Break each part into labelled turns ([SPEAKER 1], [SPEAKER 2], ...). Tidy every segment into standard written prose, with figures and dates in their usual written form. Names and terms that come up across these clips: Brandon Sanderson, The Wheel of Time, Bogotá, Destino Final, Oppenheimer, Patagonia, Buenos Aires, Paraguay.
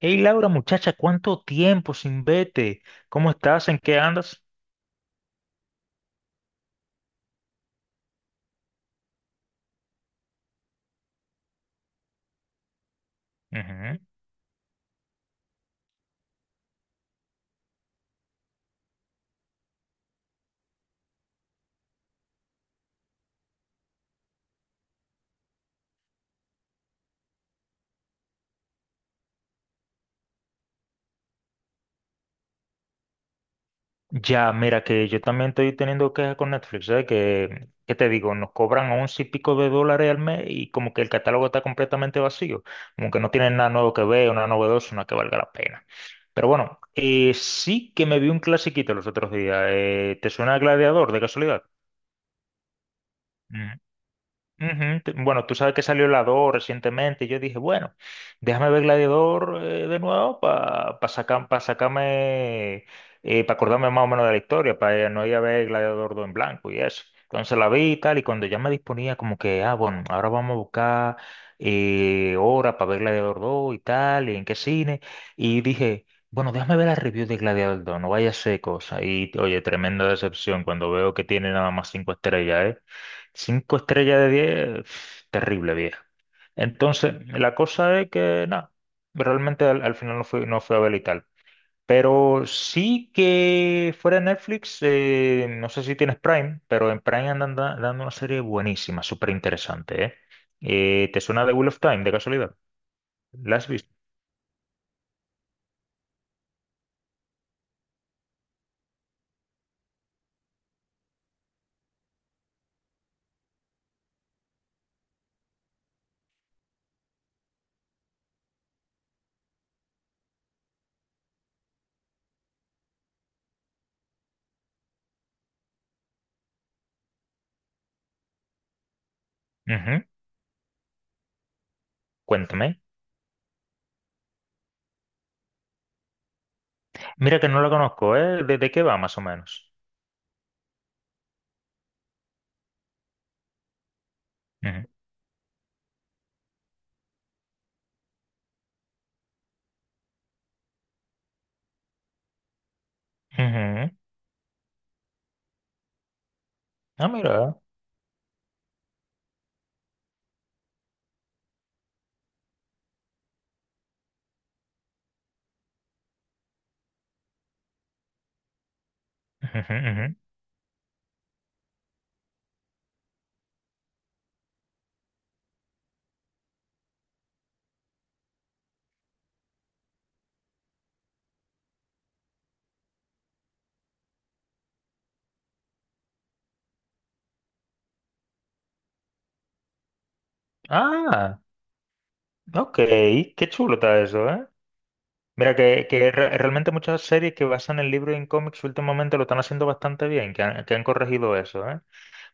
[SPEAKER 1] Hey Laura, muchacha, ¿cuánto tiempo sin verte? ¿Cómo estás? ¿En qué andas? Ujú. Ya, mira que yo también estoy teniendo quejas con Netflix, ¿sabes? Que, ¿qué te digo? Nos cobran once y pico de dólares al mes y como que el catálogo está completamente vacío, como que no tienen nada nuevo que ver, una novedosa, una que valga la pena. Pero bueno, sí que me vi un clasiquito los otros días. ¿Te suena Gladiador de casualidad? Ujú, bueno, tú sabes que salió la 2 recientemente y yo dije, bueno, déjame ver Gladiador de nuevo para sacarme, para acordarme más o menos de la historia, para no ir a ver Gladiador 2 en blanco y eso. Entonces la vi y tal, y cuando ya me disponía como que, ah, bueno, ahora vamos a buscar hora para ver Gladiador 2 y tal, y en qué cine, y dije... Bueno, déjame ver la review de Gladiador 2, no vaya a ser cosa. Y oye, tremenda decepción cuando veo que tiene nada más cinco estrellas, ¿eh? Cinco estrellas de diez, pf, terrible vieja. Entonces, la cosa es que, nada, realmente al final no fui, no fui a ver y tal. Pero sí que fuera de Netflix, no sé si tienes Prime, pero en Prime andan dando una serie buenísima, súper interesante, ¿eh? ¿Te suena The Wheel of Time, de casualidad? ¿La has visto? Ujú. Cuéntame. Mira que no la conozco, ¿eh? De qué va, más o menos? Ujú, ujú. Ah, mira. Ujú, ujú. Ah. Ok, qué chulo está eso, ¿eh? Mira, que realmente muchas series que basan el libro en cómics últimamente lo están haciendo bastante bien, que han corregido eso, ¿eh?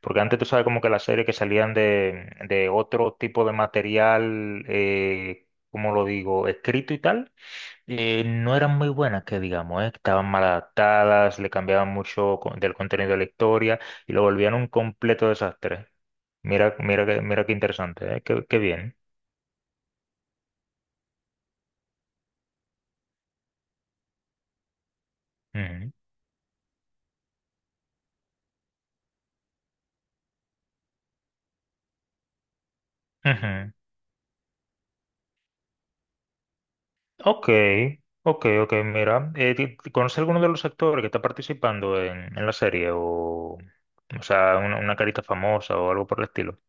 [SPEAKER 1] Porque antes tú sabes como que las series que salían de otro tipo de material, como lo digo, escrito y tal, no eran muy buenas, que digamos, ¿eh? Estaban mal adaptadas, le cambiaban mucho del contenido de la historia y lo volvían un completo desastre. Mira, mira, mira qué interesante, ¿eh? Qué, qué bien. Ujú. Ujú. Ok, ok, ok, mira, ¿conoces alguno de los actores que está participando en la serie? O sea, una carita famosa o algo por el estilo.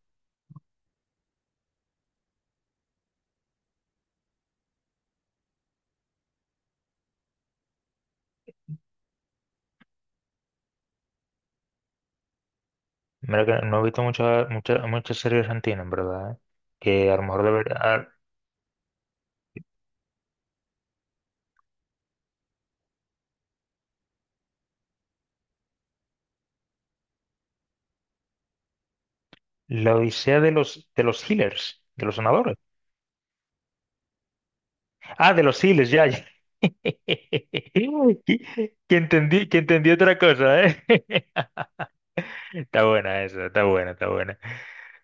[SPEAKER 1] Mira que no he visto muchas series argentinas, en verdad, ¿eh? Que a lo mejor debería... ah, La Odisea de de los healers, de los sanadores. Ah, de los healers, ya, ya. Que entendí, que entendí otra cosa, ¿eh? Está buena esa, está buena, está buena.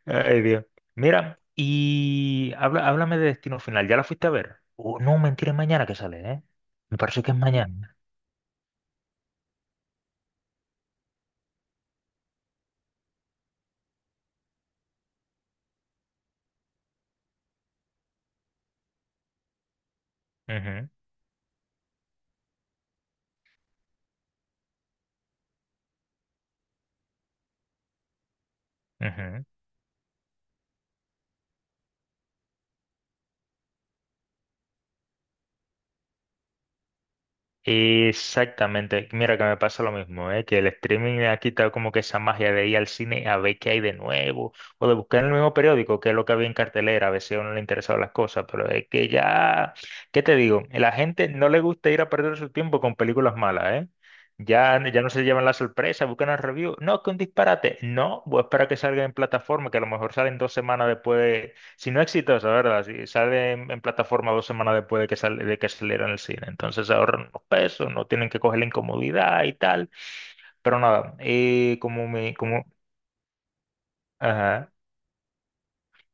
[SPEAKER 1] Ay, Dios. Mira, y habla, háblame de Destino Final. ¿Ya la fuiste a ver? Oh, no, mentira, es mañana que sale, ¿eh? Me parece que es mañana. Ujú, ujú. Exactamente. Mira que me pasa lo mismo, ¿eh? Que el streaming ha quitado como que esa magia de ir al cine a ver qué hay de nuevo o de buscar en el mismo periódico qué es lo que había en cartelera, a ver si a uno le interesaban las cosas, pero es que ya, ¿qué te digo? La gente no le gusta ir a perder su tiempo con películas malas, ¿eh? Ya, ya no se llevan la sorpresa, buscan el review. No, que un disparate. No, voy a esperar a que salga en plataforma, que a lo mejor salen dos semanas después si no exitosa, ¿verdad? Si sale en plataforma dos semanas después de de que saliera en el cine. Entonces ahorran unos pesos, no tienen que coger la incomodidad y tal. Pero nada, ajá,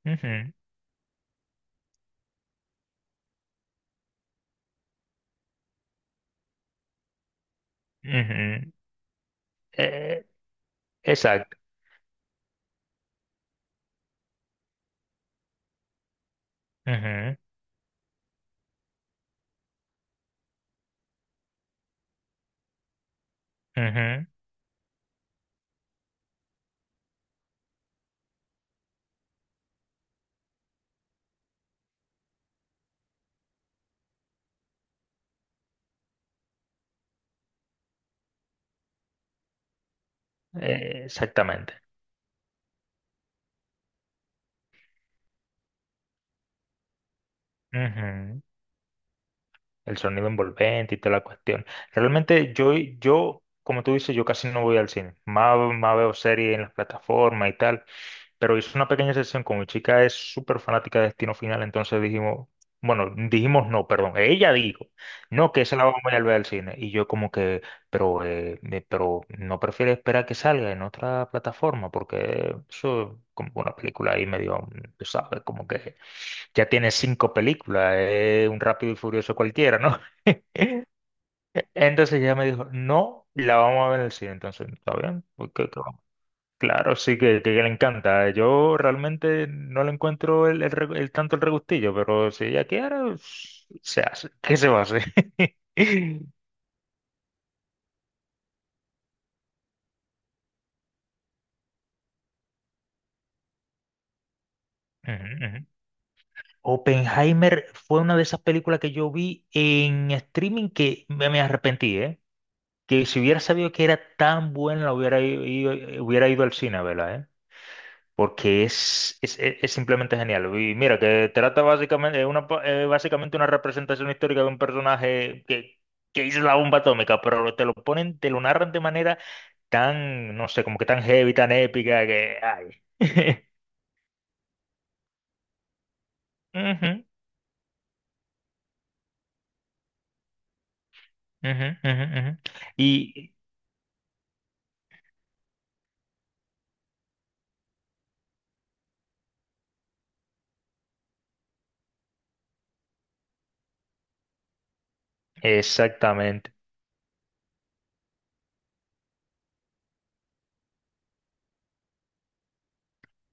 [SPEAKER 1] ujú, ujú, eh, exacto, ujú, ujú, exactamente. Ujú. El sonido envolvente y toda la cuestión. Realmente yo, como tú dices, yo casi no voy al cine. Más, más veo series en las plataformas y tal. Pero hice una pequeña sesión con mi chica, es súper fanática de Destino Final, entonces dijimos, bueno, dijimos no, perdón, ella dijo, no, que esa la vamos a ir a ver al cine. Y yo como que, pero, pero no prefiero esperar que salga en otra plataforma, porque eso es como una película ahí medio, tú sabes, como que ya tiene cinco películas, es un Rápido y Furioso cualquiera, ¿no? Entonces ella me dijo, no, la vamos a ver en el cine, entonces, ¿está bien? ¿Por qué que vamos? Claro, sí que le encanta. Yo realmente no le encuentro el tanto el regustillo, pero si ella quiere, pues, se hace. ¿Qué se va a hacer? Ujú, ujú. Oppenheimer fue una de esas películas que yo vi en streaming que me arrepentí, ¿eh? Que si hubiera sabido que era tan buena, la hubiera ido, ido- hubiera ido al cine, ¿verdad? Porque es simplemente genial. Y mira, que trata básicamente, básicamente una representación histórica de un personaje que hizo la bomba atómica, pero te lo ponen, te lo narran de manera tan, no sé, como que tan heavy, tan épica, que, ay. Ujú, ujú, ujú, ujú. Y exactamente.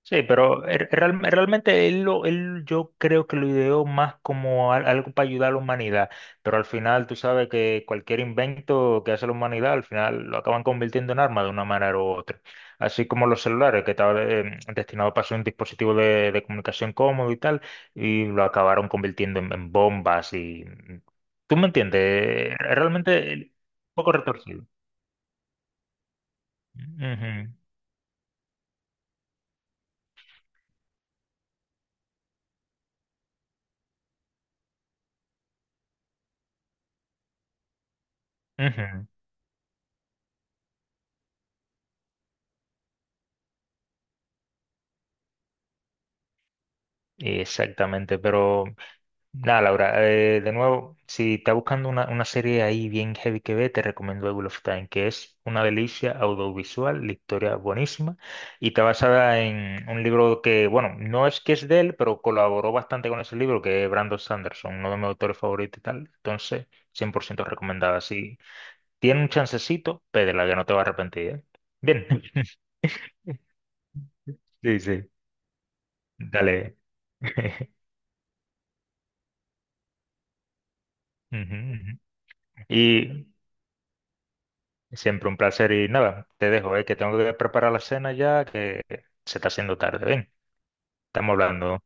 [SPEAKER 1] Sí, pero realmente él yo creo que lo ideó más como algo para ayudar a la humanidad, pero al final tú sabes que cualquier invento que hace la humanidad al final lo acaban convirtiendo en arma de una manera u otra. Así como los celulares que estaban destinados para ser un dispositivo de comunicación cómodo y tal, y lo acabaron convirtiendo en bombas y... ¿Tú me entiendes? Realmente un poco retorcido. Ujú, ujú. Exactamente, pero nada, Laura, de nuevo, si estás buscando una serie ahí bien heavy que ve, te recomiendo The Wheel of Time, que es una delicia audiovisual, la historia buenísima, y está basada en un libro que, bueno, no es que es de él, pero colaboró bastante con ese libro, que es Brandon Sanderson, uno de mis autores favoritos y tal. Entonces, cien por ciento recomendada. Si tiene un chancecito, pédela, que no te va a arrepentir, ¿eh? Bien. Sí, sí. Dale. Ujú, ujú. Y siempre un placer y nada, te dejo, que tengo que preparar la cena ya, que se está haciendo tarde. Ven, estamos hablando.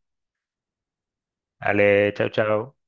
[SPEAKER 1] Ale, chao, chao.